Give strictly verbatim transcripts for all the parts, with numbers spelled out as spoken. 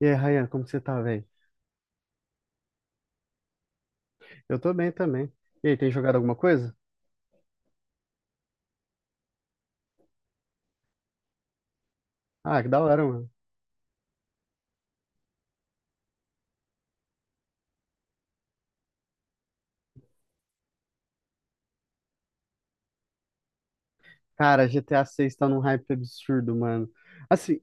E aí, Ryan, como que você tá, velho? Eu tô bem também. E aí, tem jogado alguma coisa? Ah, que da hora, mano. Cara, G T A seis tá num hype absurdo, mano. Assim,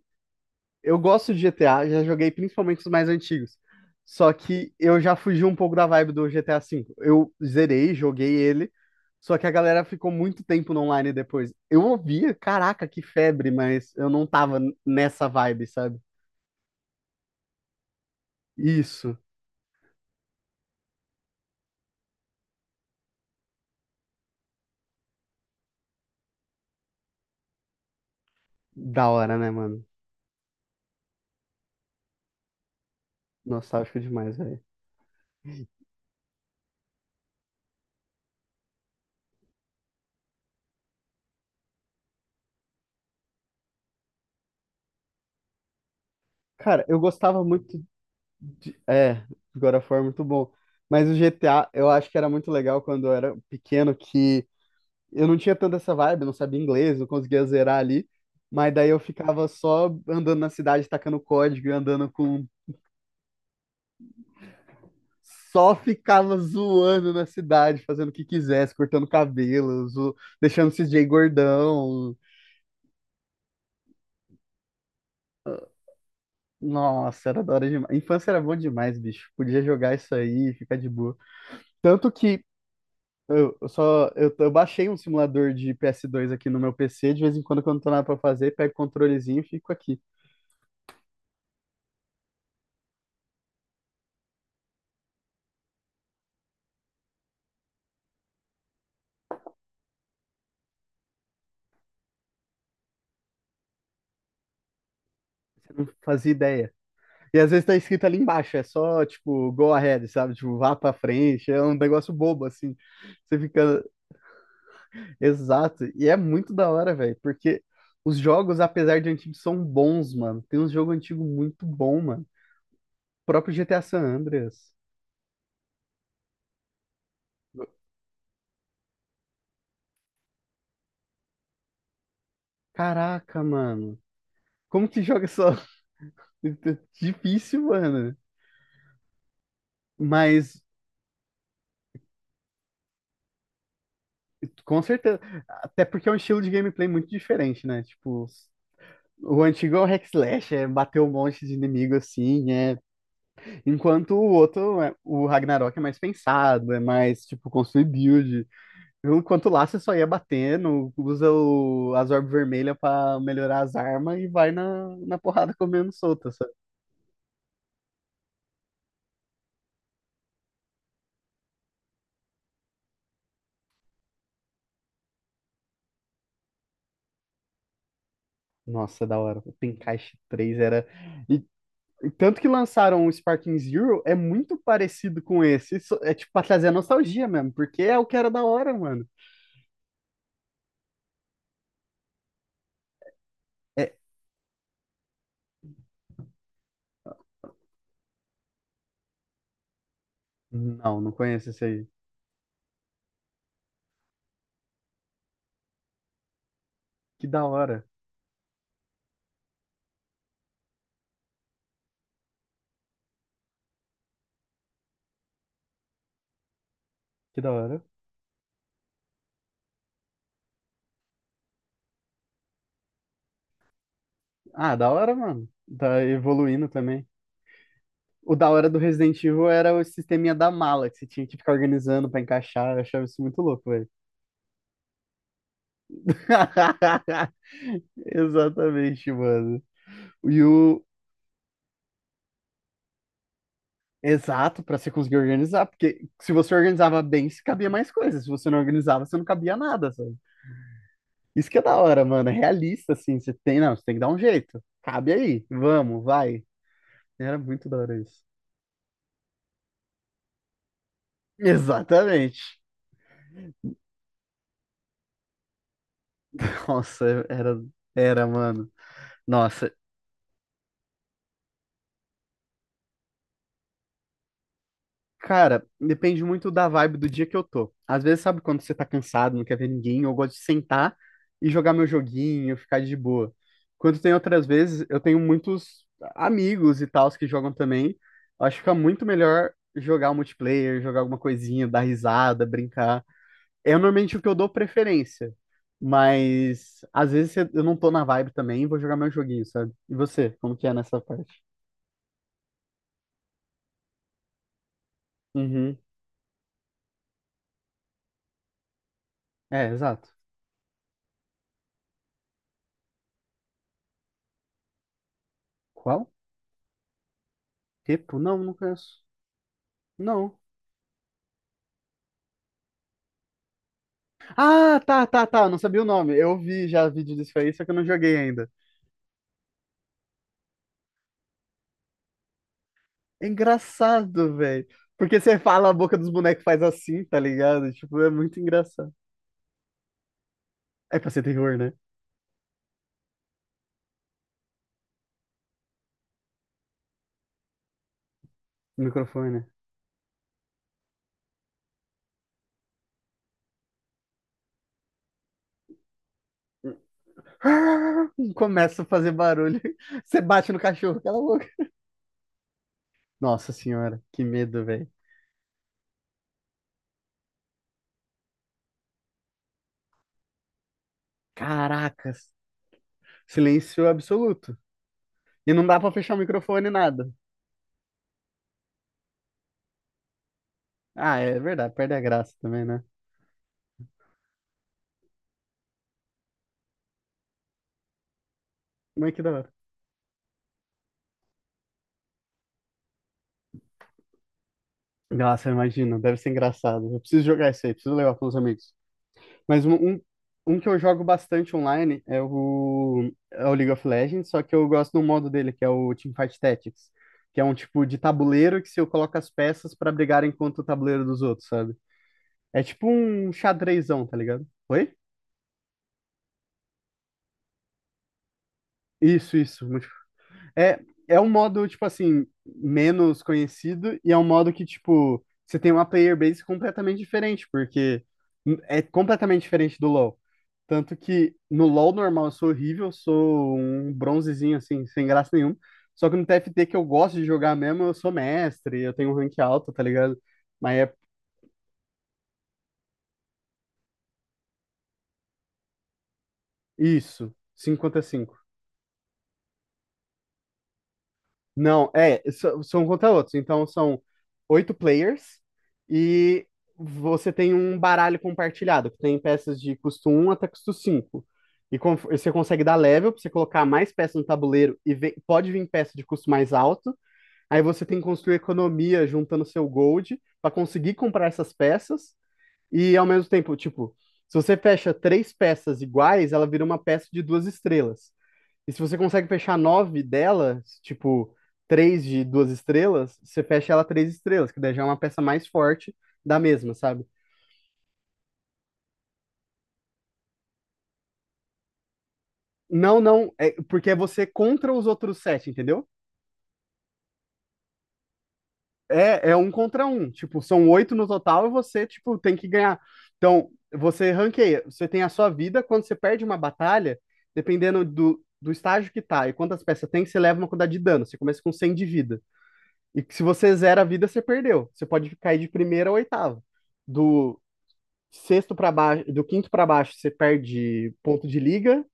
eu gosto de G T A, já joguei principalmente os mais antigos. Só que eu já fugi um pouco da vibe do G T A V. Eu zerei, joguei ele, só que a galera ficou muito tempo no online depois. Eu ouvia, caraca, que febre, mas eu não tava nessa vibe, sabe? Isso. Da hora, né, mano? Nostálgico demais, velho. Cara, eu gostava muito. É, God of War é muito bom. Mas o G T A, eu acho que era muito legal quando eu era pequeno, que eu não tinha tanta essa vibe, não sabia inglês, não conseguia zerar ali. Mas daí eu ficava só andando na cidade, tacando código e andando com. Só ficava zoando na cidade, fazendo o que quisesse, cortando cabelo, zo- deixando o C J gordão. Nossa, era da hora demais. Infância era bom demais, bicho. Podia jogar isso aí, e ficar de boa. Tanto que Eu eu só eu, eu baixei um simulador de p s dois aqui no meu P C, de vez em quando, quando não tô nada pra fazer, pego o controlezinho e fico aqui. Você não fazia ideia. E às vezes tá escrito ali embaixo, é só tipo go ahead, sabe? Tipo, vá pra frente, é um negócio bobo assim. Você fica. Exato. E é muito da hora, velho, porque os jogos, apesar de antigos, são bons, mano. Tem uns jogos antigos muito bom, mano. O próprio G T A San Andreas. Caraca, mano. Como que joga só? Difícil, mano. Mas, com certeza. Até porque é um estilo de gameplay muito diferente, né? Tipo, o antigo é o hack slash, é bater um monte de inimigo assim, é... Enquanto o outro, é- o Ragnarok é mais pensado, é mais, tipo, construir build. Enquanto lá você só ia batendo, usa o... as orbes vermelhas pra melhorar as armas e vai na, na porrada comendo solta, sabe? Nossa, da hora. O Tenkaichi três era... E, tanto que lançaram o Sparking Zero, é muito parecido com esse. Isso é tipo pra trazer a nostalgia mesmo, porque é o que era da hora, mano. É... Não, não conheço esse aí. Que da hora. Que da hora. Ah, da hora, mano. Tá evoluindo também. O da hora do Resident Evil era o sisteminha da mala, que você tinha que ficar organizando pra encaixar. Eu achava isso muito louco, velho. Exatamente, mano. E o. Exato, para você conseguir organizar, porque se você organizava bem, se cabia mais coisas. Se você não organizava, você não cabia nada, sabe? Isso que é da hora, mano. É realista, assim. Você tem, não, você tem que dar um jeito. Cabe aí. Vamos, vai. Era muito da hora isso. Exatamente. Nossa, era, era, mano. Nossa, cara, depende muito da vibe do dia que eu tô. Às vezes, sabe quando você tá cansado, não quer ver ninguém, eu gosto de sentar e jogar meu joguinho, ficar de boa. Quando tem outras vezes, eu tenho muitos amigos e tals que jogam também. Eu acho que fica muito melhor jogar o multiplayer, jogar alguma coisinha, dar risada, brincar. É normalmente o que eu dou preferência. Mas às vezes eu não tô na vibe também, vou jogar meu joguinho, sabe? E você, como que é nessa parte? Uhum. É, exato. Qual? Repo? Não, não conheço. Não. Ah, tá, tá, tá. Eu não sabia o nome. Eu vi já vídeo disso aí, só que eu não joguei ainda. É engraçado, velho. Porque você fala, a boca dos bonecos faz assim, tá ligado? Tipo, é muito engraçado. É pra ser terror, né? No microfone, né? Começa a fazer barulho. Você bate no cachorro, cala a boca. Nossa senhora, que medo, velho. Caracas. Silêncio absoluto. E não dá pra fechar o microfone nada. Ah, é verdade, perde a graça também, né? Mas que da hora. Nossa, imagina, deve ser engraçado. Eu preciso jogar esse aí, preciso levar para os amigos. Mas um, um, um que eu jogo bastante online é o, é o League of Legends, só que eu gosto do modo dele, que é o Teamfight Tactics, que é um tipo de tabuleiro que se eu coloco as peças para brigarem contra o tabuleiro dos outros, sabe? É tipo um xadrezão, tá ligado? Oi? Isso, isso. multi- É, é um modo, tipo assim, menos conhecido e é um modo que, tipo, você tem uma player base completamente diferente, porque é completamente diferente do LoL. Tanto que no LoL normal eu sou horrível, eu sou um bronzezinho assim, sem graça nenhuma. Só que no T F T que eu gosto de jogar mesmo, eu sou mestre, eu tenho um rank alto, tá ligado? Mas é isso. cinco contra cinco. Não, é, so- são contra outros. Então são oito players e você tem um baralho compartilhado, que tem peças de custo um até custo cinco. E com- você consegue dar level pra você colocar mais peças no tabuleiro e ve- pode vir peça de custo mais alto. Aí você tem que construir economia juntando seu gold para conseguir comprar essas peças e ao mesmo tempo, tipo, se você fecha três peças iguais, ela vira uma peça de duas estrelas. E se você consegue fechar nove delas, tipo, três de duas estrelas, você fecha ela três estrelas, que daí já é uma peça mais forte da mesma, sabe? Não, não, é porque é você contra os outros sete, entendeu? É, é um contra um. Tipo, são oito no total e você, tipo, tem que ganhar. Então, você ranqueia. Você tem a sua vida. Quando você perde uma batalha, dependendo do, do estágio que tá e quantas peças tem, você leva uma quantidade de dano. Você começa com cem de vida. E se você zera a vida, você perdeu. Você pode cair de primeira a oitava. Do sexto para baixo, do quinto para baixo, você perde ponto de liga.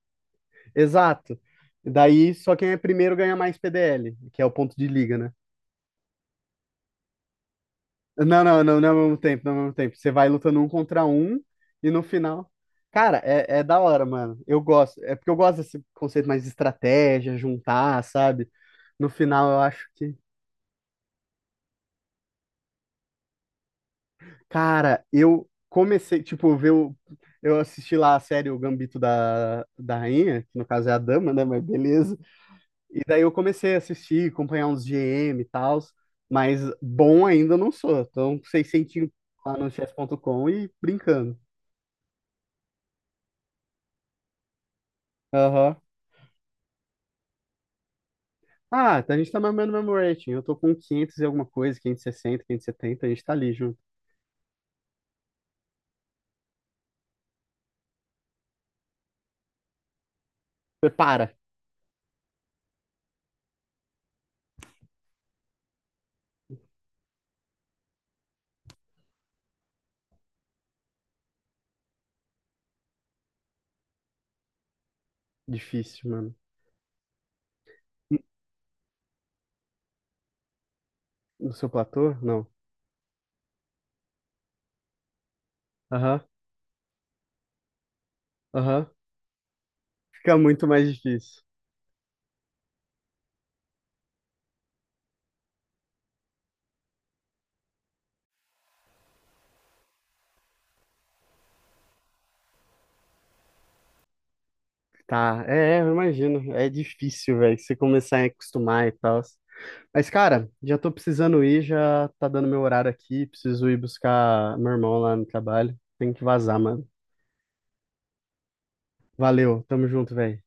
Exato. Daí, só quem é primeiro ganha mais P D L, que é o ponto de liga, né? Não, não, não, não é ao mesmo tempo, não é ao mesmo tempo. Você vai lutando um contra um e no final. Cara, é, é da hora, mano. Eu gosto. É porque eu gosto desse conceito mais de estratégia, juntar, sabe? No final eu acho que. Cara, eu comecei, tipo, ver o. Eu assisti lá a série O Gambito da, da Rainha, que no caso é a Dama, né? Mas beleza. E daí eu comecei a assistir, acompanhar uns G M e tal. Mas bom ainda eu não sou. Então, seiscentos lá no chess ponto com e brincando. Aham. Ah, então a gente tá mais ou menos no mesmo rating. Eu tô com quinhentos e alguma coisa, quinhentos quinhentos e sessenta, quinhentos e setenta. A gente tá ali junto. Prepara. Difícil, mano. No seu platô? Não. Aham, aham. Fica muito mais difícil. Tá, é, é, eu imagino. É difícil, velho, você começar a acostumar e tal. Mas, cara, já tô precisando ir, já tá dando meu horário aqui. Preciso ir buscar meu irmão lá no trabalho. Tenho que vazar, mano. Valeu, tamo junto, velho.